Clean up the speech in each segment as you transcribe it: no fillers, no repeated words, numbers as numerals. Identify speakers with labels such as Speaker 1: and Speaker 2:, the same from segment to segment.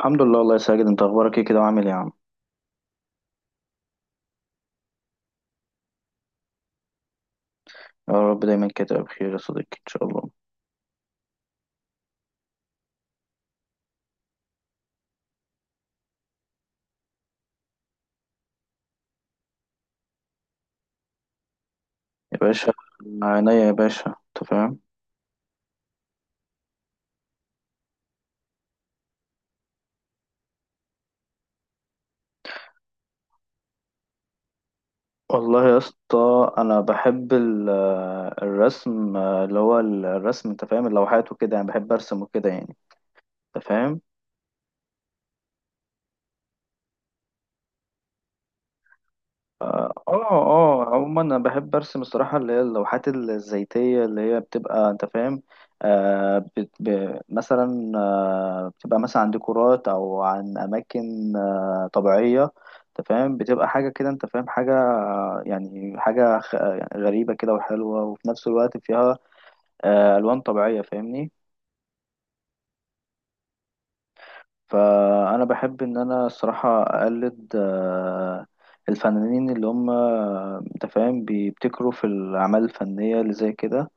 Speaker 1: الحمد لله، والله يا ساجد. انت اخبارك ايه كده، وعامل ايه يا عم؟ يا رب دايما كده تبقى بخير يا صديقي ان شاء الله. يا باشا. عينيا يا باشا، انت فاهم. والله يا اسطى، انا بحب الرسم اللي هو الرسم، انت فاهم، اللوحات وكده يعني، بحب ارسم وكده يعني، انت فاهم. عموما انا بحب ارسم الصراحه اللي هي اللوحات الزيتيه اللي هي بتبقى، انت فاهم، آه بت ب مثلا بتبقى مثلا عن ديكورات او عن اماكن طبيعيه، انت فاهم، بتبقى حاجه كده، انت فاهم، حاجه يعني حاجه يعني غريبه كده وحلوه، وفي نفس الوقت فيها الوان طبيعيه، فاهمني. فأنا بحب إن أنا الصراحة أقلد الفنانين اللي هم، أنت فاهم، بيبتكروا في الأعمال الفنية اللي زي كده.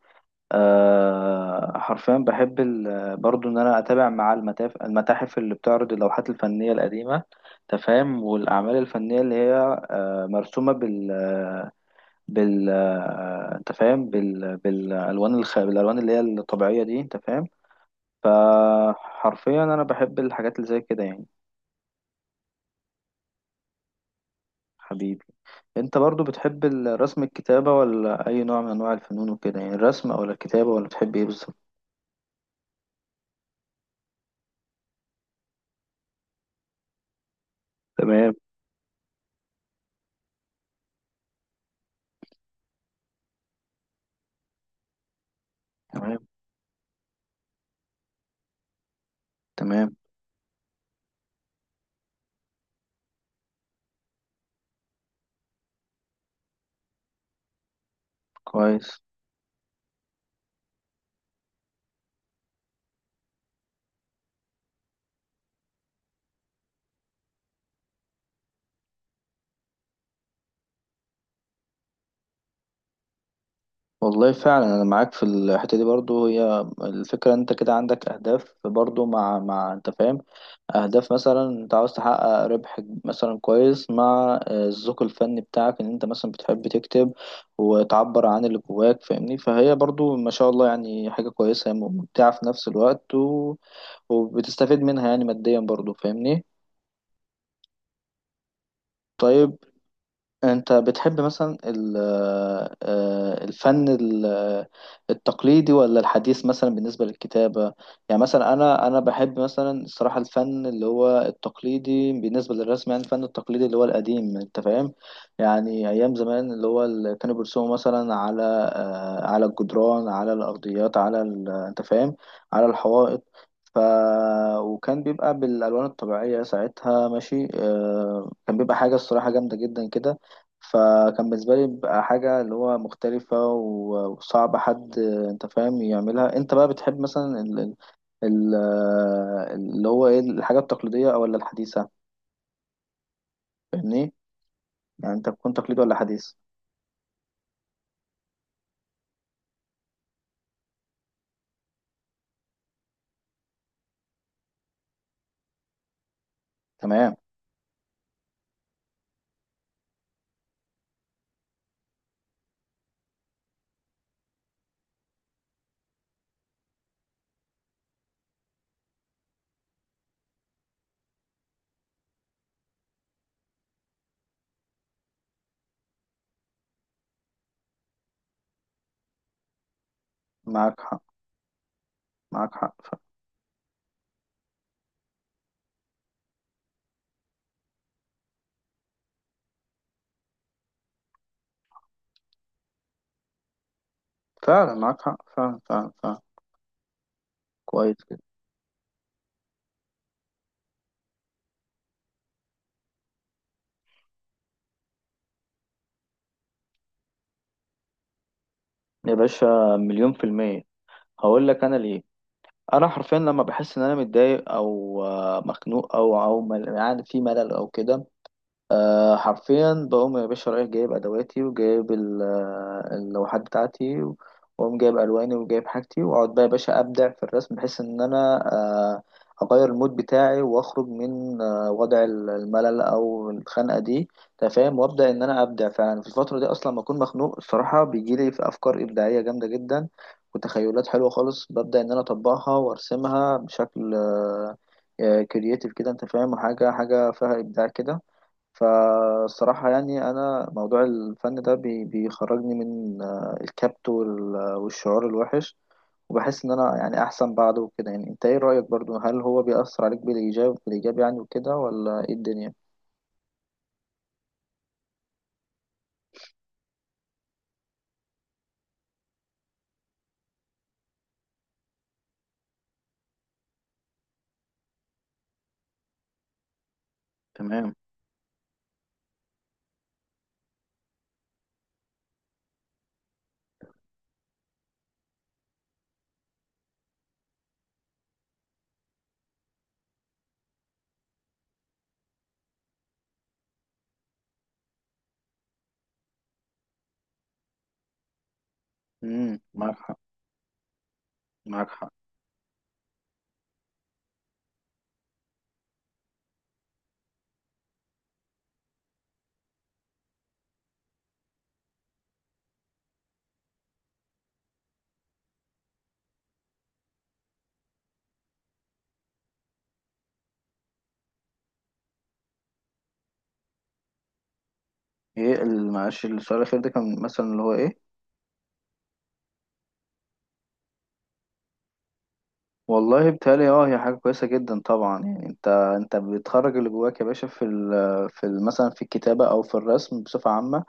Speaker 1: حرفيا بحب برضو إن أنا أتابع مع المتاحف، اللي بتعرض اللوحات الفنية القديمة، أنت فاهم، والأعمال الفنية اللي هي مرسومة بال بال آه، أنت فاهم بالألوان بالألوان اللي هي الطبيعية دي، أنت فاهم. فحرفيا أنا بحب الحاجات اللي زي كده يعني. حبيبي. انت برضو بتحب الرسم، الكتابة، ولا اي نوع من انواع الفنون وكده يعني، الرسم ولا الكتابة، ولا بتحب ايه بالظبط؟ تمام، تمام، تمام. كويس. والله فعلا انا معاك في الحته دي، برضو هي الفكره، انت كده عندك اهداف برضو، مع انت فاهم، اهداف مثلا انت عاوز تحقق ربح مثلا، كويس، مع الذوق الفني بتاعك، ان انت مثلا بتحب تكتب وتعبر عن اللي جواك، فاهمني، فهي برضو ما شاء الله يعني حاجه كويسه ممتعه في نفس الوقت، وبتستفيد منها يعني ماديا برضو، فاهمني. طيب. انت بتحب مثلا الفن التقليدي ولا الحديث مثلا بالنسبة للكتابة؟ يعني مثلا انا بحب مثلا الصراحة الفن اللي هو التقليدي بالنسبة للرسم، يعني الفن التقليدي اللي هو القديم، انت فاهم، يعني ايام زمان اللي هو اللي كانوا بيرسموا مثلا على على الجدران، على الارضيات، انت فاهم، على الحوائط، ف... وكان بيبقى بالألوان الطبيعية ساعتها، ماشي، كان بيبقى حاجة الصراحة جامدة جدا كده، فكان بالنسبة لي بقى حاجة اللي هو مختلفة وصعب حد، انت فاهم، يعملها. انت بقى بتحب مثلا ال- اللي هو ايه، الحاجة التقليدية، او ولا الحديثة، فاهمني، يعني انت تكون تقليدي ولا حديث؟ تمام. معاك حق. معاك حق، فعلا معاك حق، فعلا، فعلا، فعلا. كويس كده. يا باشا، مليون في المية، هقول لك انا ليه. انا حرفيا لما بحس ان انا متضايق، او مخنوق، او يعني في ملل او كده، حرفيا بقوم يا باشا رايح جايب ادواتي، وجايب اللوحات بتاعتي، واقوم جايب الواني وجايب حاجتي، واقعد بقى يا باشا ابدع في الرسم، بحيث ان انا اغير المود بتاعي، واخرج من وضع الملل او الخنقه دي، أنت فاهم، وابدا ان انا ابدع فعلا في الفتره دي. اصلا لما اكون مخنوق الصراحه بيجي لي في افكار ابداعيه جامده جدا، وتخيلات حلوه خالص، ببدا ان انا اطبقها وارسمها بشكل كرياتيف كده، انت فاهم، حاجه حاجه فيها ابداع كده. فالصراحة يعني أنا موضوع الفن ده بيخرجني من الكبت والشعور الوحش، وبحس إن أنا يعني أحسن بعده وكده، يعني أنت إيه رأيك برضو، هل هو بيأثر عليك بالإيجاب، بالإيجاب يعني وكده، ولا إيه الدنيا؟ تمام. معاك حق. معاك حق. ايه معلش، السؤال الاخير ده كان مثلا اللي هو ايه؟ والله بتهيألي هي حاجه كويسه جدا طبعا، يعني انت بتخرج اللي جواك يا باشا في مثلا في الكتابه او في الرسم بصفه عامه.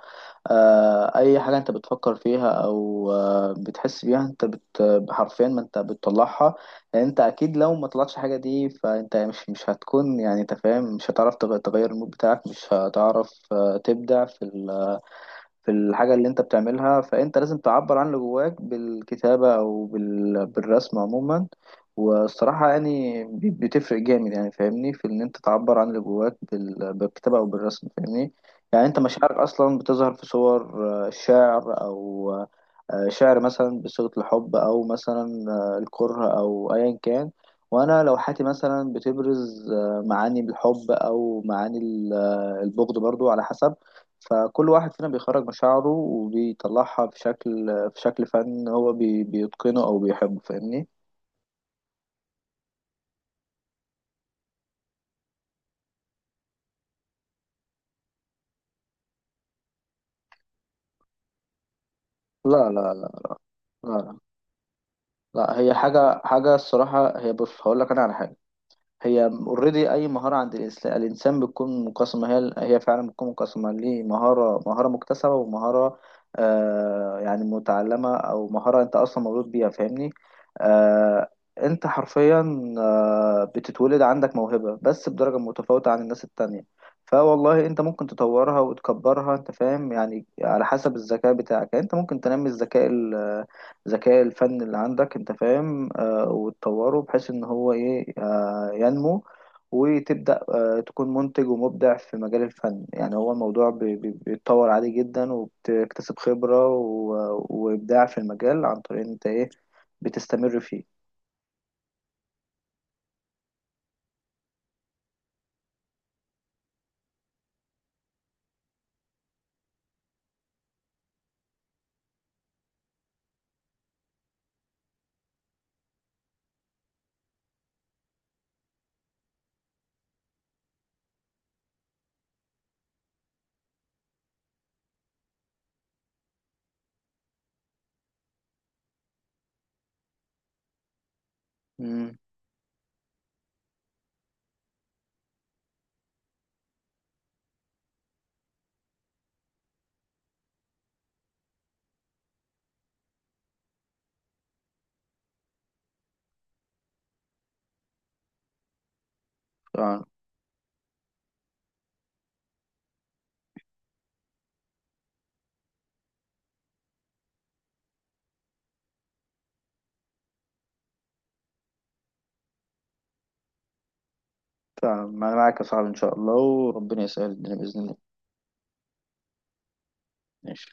Speaker 1: اي حاجه انت بتفكر فيها او بتحس بيها، انت حرفيا ما انت بتطلعها. لان انت اكيد لو ما طلعتش حاجه دي، فانت مش هتكون، يعني انت فاهم، مش هتعرف تغير المود بتاعك، مش هتعرف تبدع في الحاجة اللي انت بتعملها. فانت لازم تعبر عن اللي جواك بالكتابة، او بالرسم عموما. والصراحة يعني بتفرق جامد يعني، فاهمني، في ان انت تعبر عن اللي جواك بالكتابة او بالرسم، فاهمني. يعني انت مشاعرك اصلا بتظهر في صور شعر، او شعر مثلا بصيغة الحب، او مثلا الكره، او ايا كان. وانا لوحاتي مثلا بتبرز معاني الحب، او معاني البغض، برضو على حسب. فكل واحد فينا بيخرج مشاعره وبيطلعها في شكل، في شكل فن هو بيتقنه أو بيحبه، فاهمني. لا، لا، لا. لا، لا. هي حاجة، حاجة الصراحة، هي بص هقول لك أنا على حاجة. هي اوريدي اي مهاره عند الانسان بتكون مقسمه، هي هي فعلا بتكون مقسمه ليه، مهاره مهاره مكتسبه، ومهاره يعني متعلمه، او مهاره انت اصلا مولود بيها، فاهمني. آه انت حرفيا بتتولد عندك موهبه، بس بدرجه متفاوته عن الناس التانية. فوالله انت ممكن تطورها وتكبرها، انت فاهم، يعني على حسب الذكاء بتاعك، يعني انت ممكن تنمي الذكاء الفني اللي عندك، انت فاهم، وتطوره بحيث ان هو ايه، ينمو، وتبدأ تكون منتج ومبدع في مجال الفن، يعني هو الموضوع بيتطور عادي جدا، وبتكتسب خبرة وإبداع في المجال، عن طريق إن أنت إيه بتستمر فيه. مم. فعلا، فعلا أنا معاك يا صاحبي إن شاء الله، وربنا يسهل الدنيا بإذن الله. ماشي.